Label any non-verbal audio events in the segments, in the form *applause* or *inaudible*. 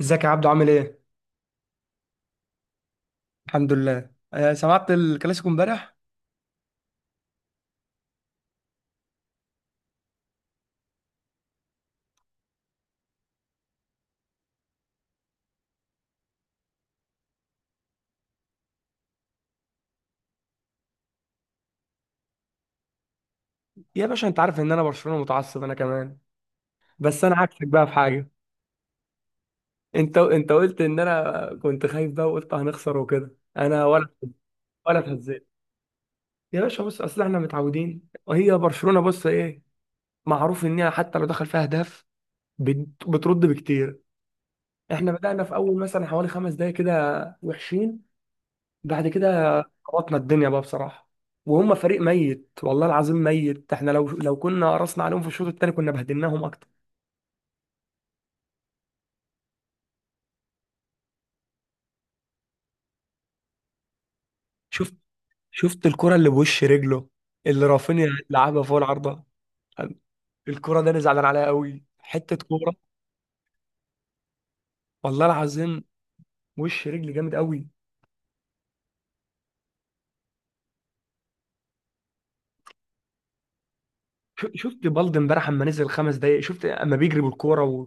ازيك يا عبدو؟ عامل ايه؟ الحمد لله. سمعت الكلاسيكو امبارح؟ يا باشا، انت عارف ان انا برشلونة متعصب انا كمان. بس انا عكسك بقى في حاجة. انت قلت ان انا كنت خايف بقى، وقلت هنخسر وكده انا، ولا، ولا اتهزيت. يا باشا بص، اصل احنا متعودين، وهي برشلونة، بص، ايه، معروف ان هي حتى لو دخل فيها اهداف بترد بكتير. احنا بدأنا في اول مثلا حوالي 5 دقايق كده وحشين. بعد كده ظبطنا الدنيا بقى بصراحه. وهم فريق ميت، والله العظيم ميت. احنا لو كنا قرصنا عليهم في الشوط الثاني كنا بهدلناهم اكتر. شفت؟ شفت الكره اللي بوش رجله، اللي رافينيا لعبها فوق العارضه؟ الكره ده انا زعلان عليها قوي، حته كوره. والله العظيم وش رجلي جامد قوي. شفت بالدي امبارح اما نزل 5 دقايق، شفت اما بيجري بالكوره و...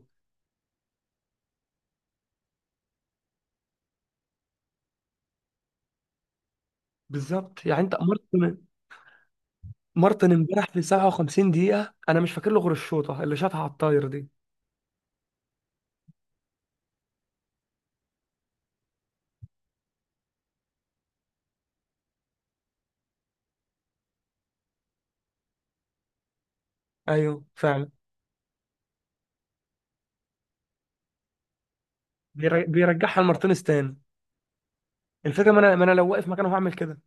بالظبط. يعني انت مارتن، مارتن امبارح في 57 دقيقه انا مش فاكر له غير الشوطه اللي شاطها على الطاير دي. ايوه فعلا. بيرجعها لمارتينيز تاني. الفكره ما انا لو واقف مكانه هعمل كده.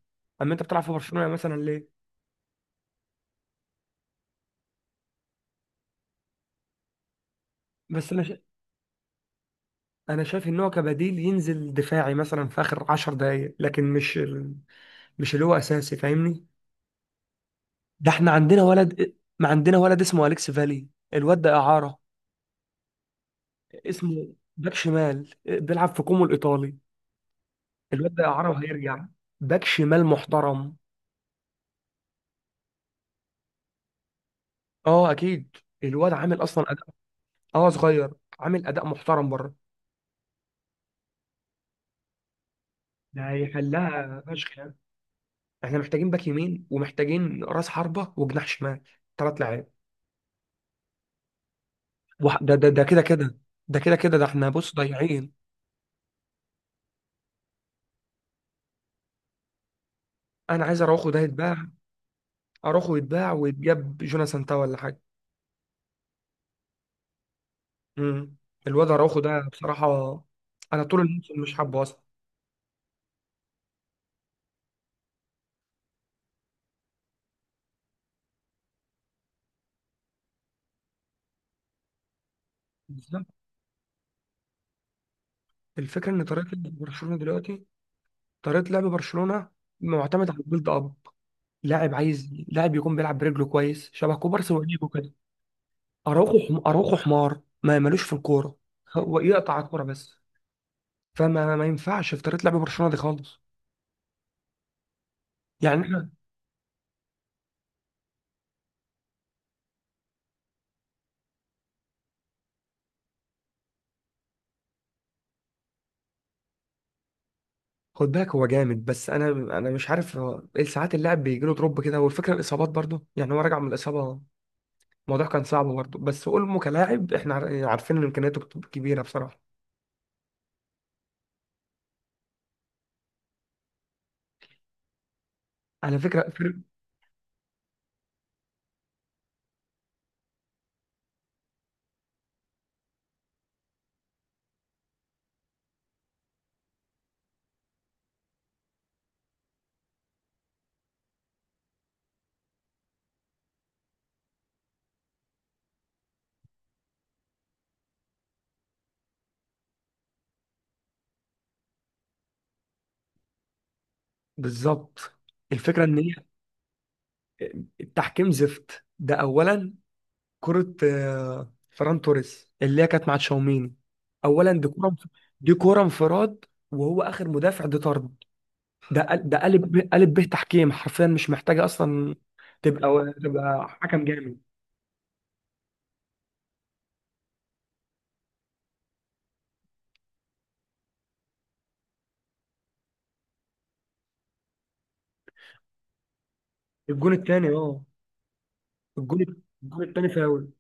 اما انت بتلعب في برشلونه مثلا ليه؟ بس انا شا... انا شايف ان هو كبديل ينزل دفاعي مثلا في اخر 10 دقائق، لكن مش اللي هو اساسي، فاهمني؟ ده احنا عندنا ولد، ما عندنا ولد اسمه اليكس فالي. الواد ده اعاره، اسمه باك شمال، بيلعب في كومو الايطالي. الواد ده اعاره وهيرجع. باك شمال محترم. اه اكيد. الواد عامل اصلا اداء. اه صغير، عامل اداء محترم بره. ده هيحلها فشخ. احنا محتاجين باك يمين، ومحتاجين راس حربة، وجناح شمال. 3 لعيب. ده كده كده. ده كده كده، ده احنا بص ضايعين. انا عايز اروخو ده يتباع، اروخو يتباع ويتجاب جوناثان تاو ولا حاجة. امم الواد اروخو ده بصراحة، انا طول الموسم مش حابه اصلا. بالظبط. الفكرة ان طريقة لعب برشلونة دلوقتي، طريقة لعب برشلونة، معتمد على البيلد اب. لاعب عايز، لاعب يكون بيلعب برجله كويس شبه كوبارسي وانيجو كده. اروخو حمار، ما ملوش في الكورة. هو يقطع الكورة بس. فما ما ينفعش في طريقه لعب برشلونه دي خالص. يعني احنا، خد بالك هو جامد، بس انا، انا مش عارف هو ايه. ساعات اللاعب بيجي له دروب كده، والفكره الاصابات برضو، يعني هو راجع من الاصابه، الموضوع كان صعب برضو. بس اولمو كلاعب احنا عارفين ان امكانياته كبيره بصراحه. على فكره فرق- بالظبط. الفكره ان هي التحكيم زفت، ده اولا. كره فران توريس اللي هي كانت مع تشاوميني، اولا دي كره، دي كره انفراد، وهو اخر مدافع، دي طرد. قالب به تحكيم حرفيا، مش محتاجه اصلا. تبقى حكم جامد. الجون الثاني اه، الجون، الجون الثاني فاول.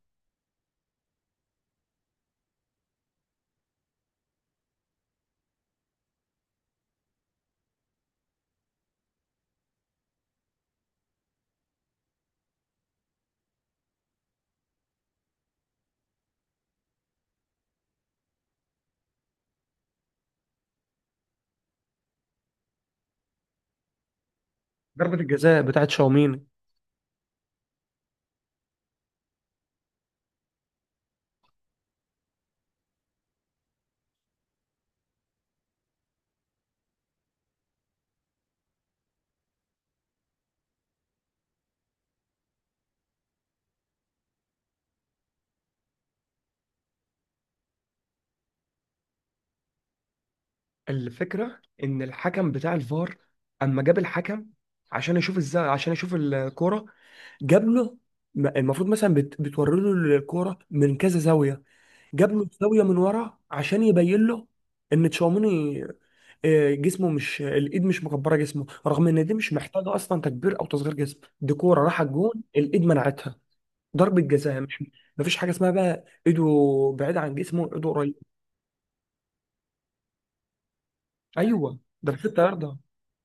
ضربه الجزاء بتاعت شاومين. الفكره ان الحكم بتاع الفار اما جاب الحكم عشان يشوف ازاي، عشان يشوف الكوره، جاب له، المفروض مثلا بتوري له الكوره من كذا زاويه. جاب له زاويه من ورا عشان يبين له ان تشاوميني جسمه، مش الايد، مش مكبره جسمه، رغم ان دي مش محتاجه اصلا تكبير او تصغير جسم. دي كوره راحت جون، الايد منعتها. ضربه جزاء، مش، مفيش حاجه اسمها بقى ايده بعيده عن جسمه، ايده قريب. ايوه، ده في 6 ياردة،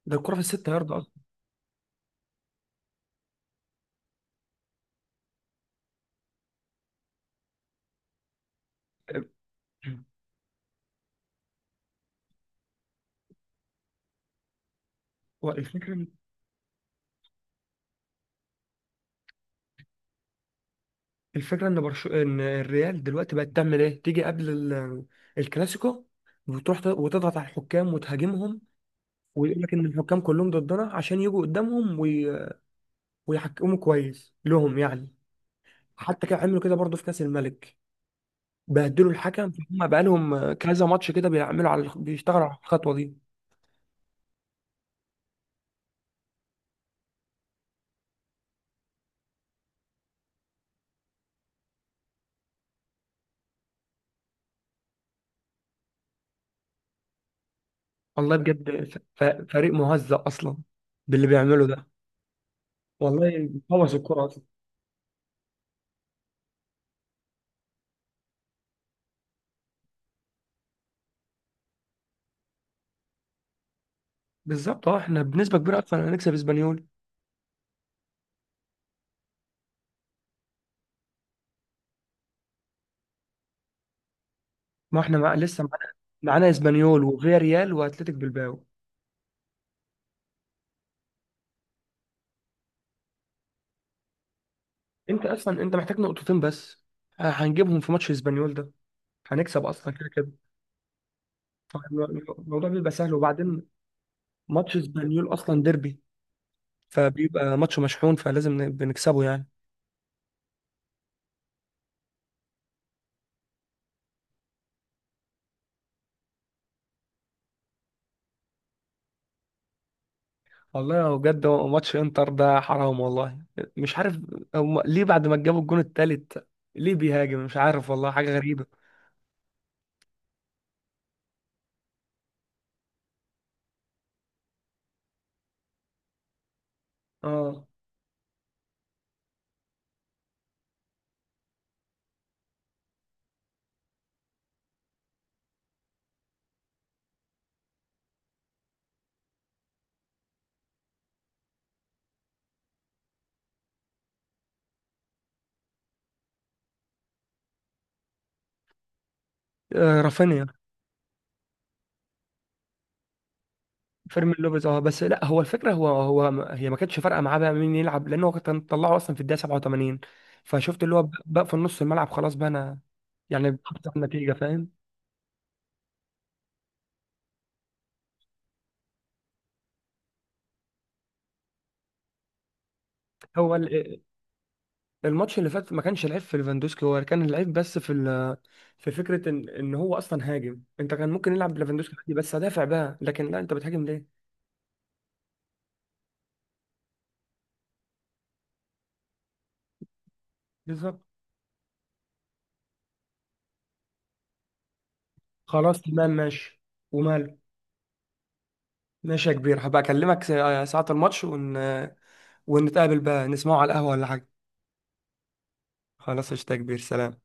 ده الكوره في الست ياردة اصلا. *clears throat* هو الفكره، ان الريال دلوقتي بقت تعمل ايه، تيجي قبل الكلاسيكو، وتضغط على الحكام وتهاجمهم، ويقول لك ان الحكام كلهم ضدنا عشان يجوا قدامهم ويحكموا كويس لهم يعني. حتى كانوا عملوا كده برضه في كاس الملك، بهدلوا الحكم. فهم بقى لهم كذا ماتش كده بيعملوا على بيشتغلوا على الخطوه دي. والله بجد ف... ف- فريق مهزأ اصلا باللي بيعمله ده. والله بوظ الكره اصلا. بالظبط اه. احنا بنسبه كبيره اصلا هنكسب اسبانيول. ما احنا لسه معانا، معانا اسبانيول وفياريال واتلتيك بالباو. انت اصلا انت محتاج نقطتين بس، هنجيبهم في ماتش اسبانيول ده، هنكسب اصلا كده كده. الموضوع بيبقى سهل. وبعدين ماتش اسبانيول اصلا ديربي، فبيبقى ماتش مشحون، بنكسبه يعني. والله لو بجد، هو ماتش انتر ده حرام والله. مش عارف، هم ليه بعد ما جابوا الجون التالت ليه بيهاجم؟ مش عارف والله، حاجة غريبة. اه. رافينيا. فيرمين لوبيز اه. بس لا، هو الفكرة، هو هو ما- هي ما كانتش فارقة معاه بقى مين يلعب، لأنه كان طلعه أصلا في الدقيقة 87. فشفت اللي هو بقى في النص الملعب خلاص، بقى أنا يعني بحط على النتيجة، فاهم؟ هو ال- الماتش اللي فات ما كانش العيب في ليفاندوسكي، هو كان العيب بس في في فكره ان هو اصلا هاجم. انت كان ممكن يلعب ليفاندوسكي عادي بس هدافع بقى، لكن لا، انت بتهاجم ليه؟ بالظبط. خلاص تمام ماشي. ومال. ماشي يا كبير، هبقى اكلمك ساعه الماتش ونتقابل بقى نسمعه على القهوه ولا حاجه. خلاص قشطة يا كبير، سلام.